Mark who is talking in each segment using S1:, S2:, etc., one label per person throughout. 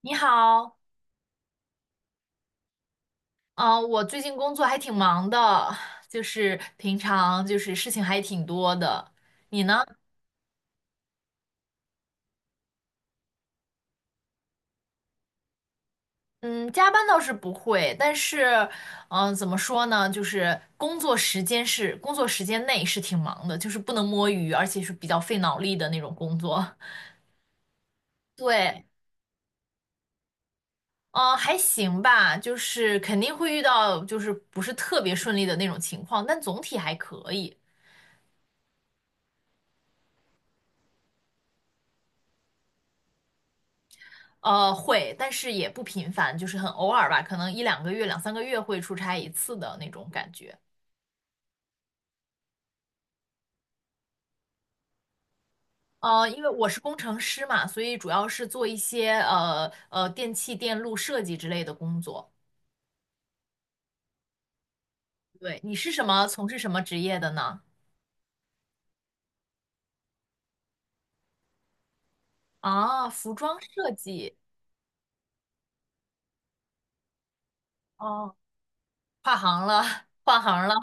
S1: 你好，嗯、我最近工作还挺忙的，就是平常就是事情还挺多的。你呢？嗯，加班倒是不会，但是，怎么说呢？就是工作时间内是挺忙的，就是不能摸鱼，而且是比较费脑力的那种工作。对，嗯、还行吧，就是肯定会遇到就是不是特别顺利的那种情况，但总体还可以。会，但是也不频繁，就是很偶尔吧，可能一两个月、两三个月会出差一次的那种感觉。因为我是工程师嘛，所以主要是做一些电器电路设计之类的工作。对，你是什么，从事什么职业的呢？啊，服装设计，哦，跨行了，换行了。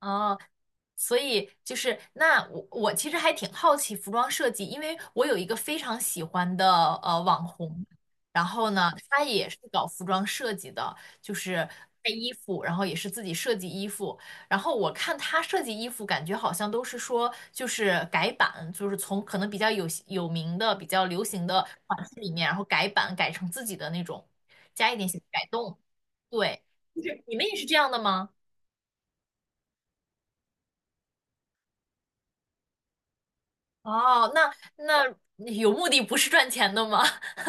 S1: 哦，所以就是那我其实还挺好奇服装设计，因为我有一个非常喜欢的网红，然后呢，他也是搞服装设计的，就是卖衣服，然后也是自己设计衣服，然后我看他设计衣服，感觉好像都是说就是改版，就是从可能比较有名的、比较流行的款式里面，然后改版改成自己的那种，加一点小改动。对，就是你们也是这样的吗？哦，那有目的不是赚钱的吗？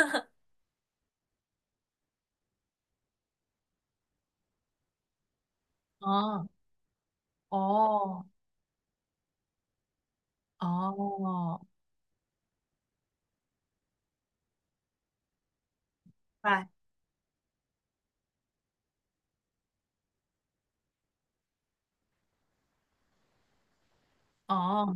S1: 哦，哦，哦，明白，哦，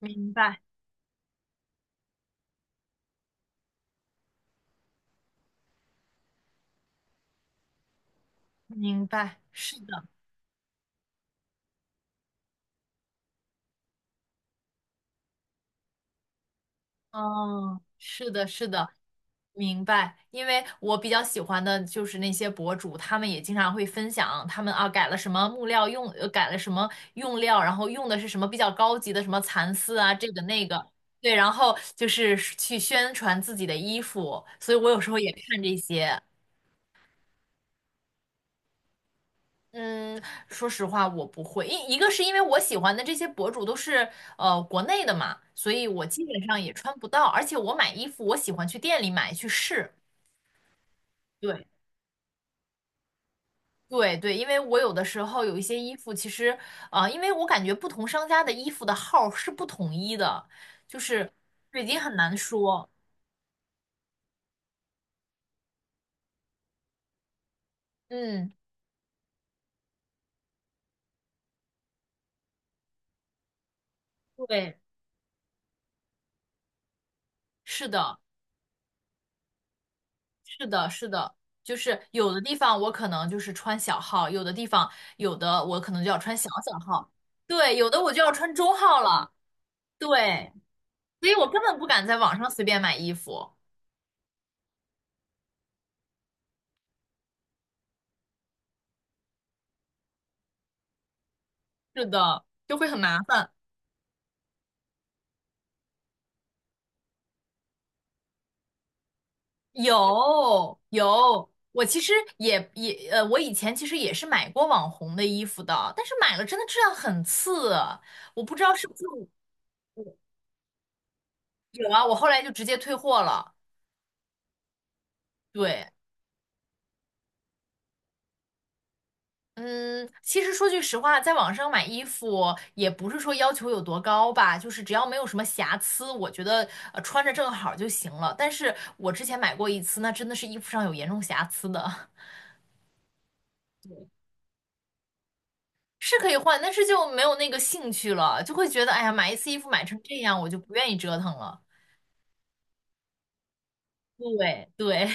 S1: 明白，明白，是的，哦，是的，是的，明白。因为我比较喜欢的就是那些博主，他们也经常会分享他们啊改了什么木料用，改了什么用料，然后用的是什么比较高级的什么蚕丝啊，这个那个，对，然后就是去宣传自己的衣服，所以我有时候也看这些。嗯，说实话，我不会。一个是因为我喜欢的这些博主都是国内的嘛，所以我基本上也穿不到。而且我买衣服，我喜欢去店里买去试。对对对，因为我有的时候有一些衣服，其实因为我感觉不同商家的衣服的号是不统一的，就是这已经很难说。嗯，对，是的。是的，是的，就是有的地方我可能就是穿小号，有的地方有的我可能就要穿小小号，对，有的我就要穿中号了，对，所以我根本不敢在网上随便买衣服，是的，就会很麻烦。有有，我其实也也呃，我以前其实也是买过网红的衣服的，但是买了真的质量很次，我不知道是不是有啊，我后来就直接退货了，对。嗯，其实说句实话，在网上买衣服也不是说要求有多高吧，就是只要没有什么瑕疵，我觉得穿着正好就行了。但是我之前买过一次，那真的是衣服上有严重瑕疵的，是可以换，但是就没有那个兴趣了，就会觉得哎呀，买一次衣服买成这样，我就不愿意折腾了。对对，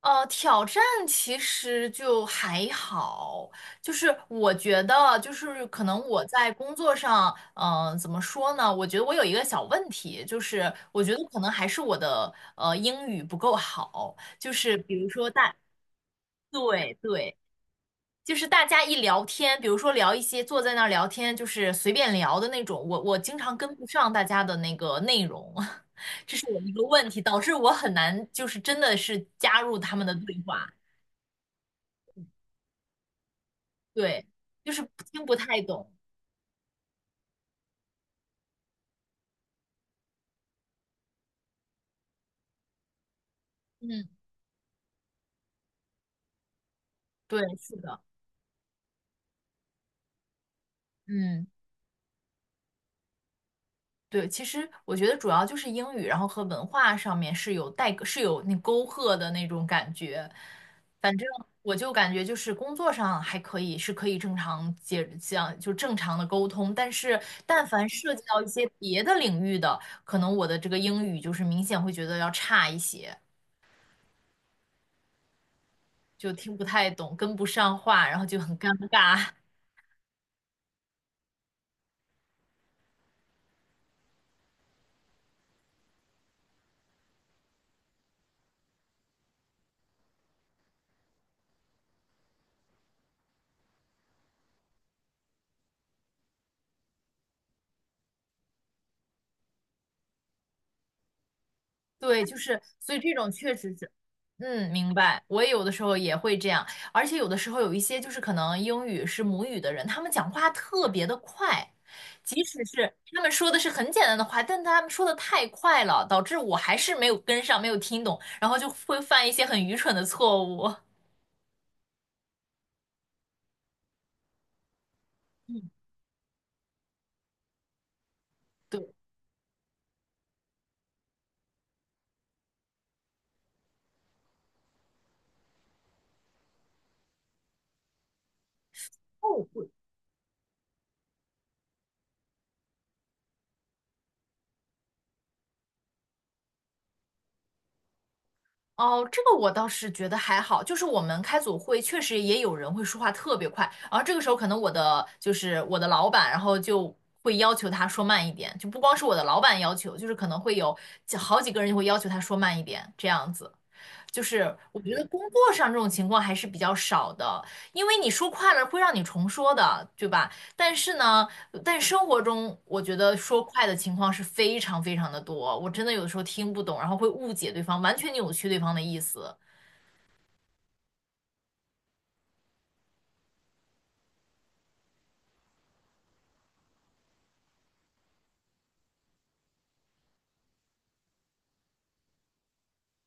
S1: 挑战其实就还好，就是我觉得，就是可能我在工作上，怎么说呢？我觉得我有一个小问题，就是我觉得可能还是我的英语不够好，就是比如说大，对对，就是大家一聊天，比如说聊一些坐在那儿聊天，就是随便聊的那种，我经常跟不上大家的那个内容，这是我一个问题，导致我很难就是真的是加入他们的对话。对，就是不听不太懂。嗯，对，是的，嗯，对，其实我觉得主要就是英语，然后和文化上面是有代沟，是有那沟壑的那种感觉。反正我就感觉就是工作上还可以，是可以正常接这样就正常的沟通。但是但凡涉及到一些别的领域的，可能我的这个英语就是明显会觉得要差一些，就听不太懂，跟不上话，然后就很尴尬。对，就是，所以这种确实是，嗯，明白。我也有的时候也会这样，而且有的时候有一些就是可能英语是母语的人，他们讲话特别的快，即使是他们说的是很简单的话，但他们说的太快了，导致我还是没有跟上，没有听懂，然后就会犯一些很愚蠢的错误。对，后悔。哦，这个我倒是觉得还好，就是我们开组会确实也有人会说话特别快，然后这个时候可能我的就是我的老板，然后就会要求他说慢一点，就不光是我的老板要求，就是可能会有好几个人就会要求他说慢一点，这样子。就是我觉得工作上这种情况还是比较少的，因为你说快了会让你重说的，对吧？但是呢，但生活中我觉得说快的情况是非常非常的多，我真的有的时候听不懂，然后会误解对方，完全扭曲对方的意思。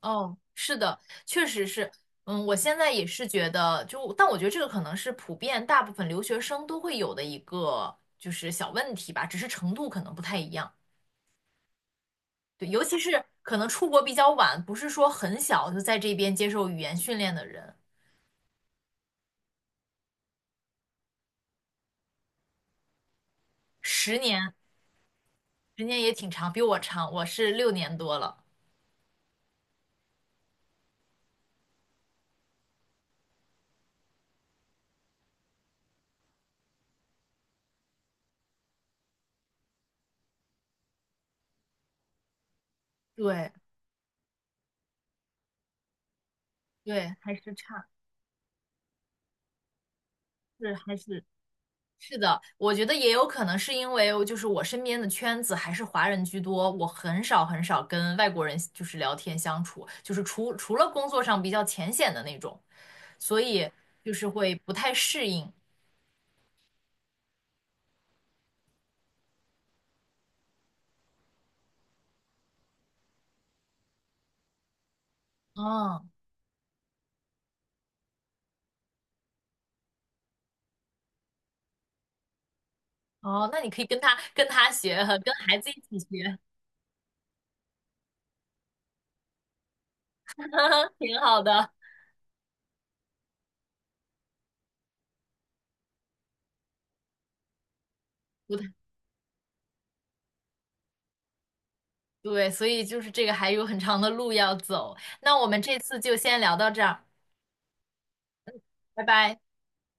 S1: 哦，是的，确实是，嗯，我现在也是觉得，就但我觉得这个可能是普遍大部分留学生都会有的一个就是小问题吧，只是程度可能不太一样。对，尤其是可能出国比较晚，不是说很小就在这边接受语言训练的人，十年，十年也挺长，比我长，我是六年多了。对对，还是差，是还是是的，我觉得也有可能是因为就是我身边的圈子还是华人居多，我很少很少跟外国人就是聊天相处，就是除了工作上比较浅显的那种，所以就是会不太适应。嗯，哦，那你可以跟他学，跟孩子一起学。挺好的，不太对，所以就是这个还有很长的路要走。那我们这次就先聊到这儿，拜拜。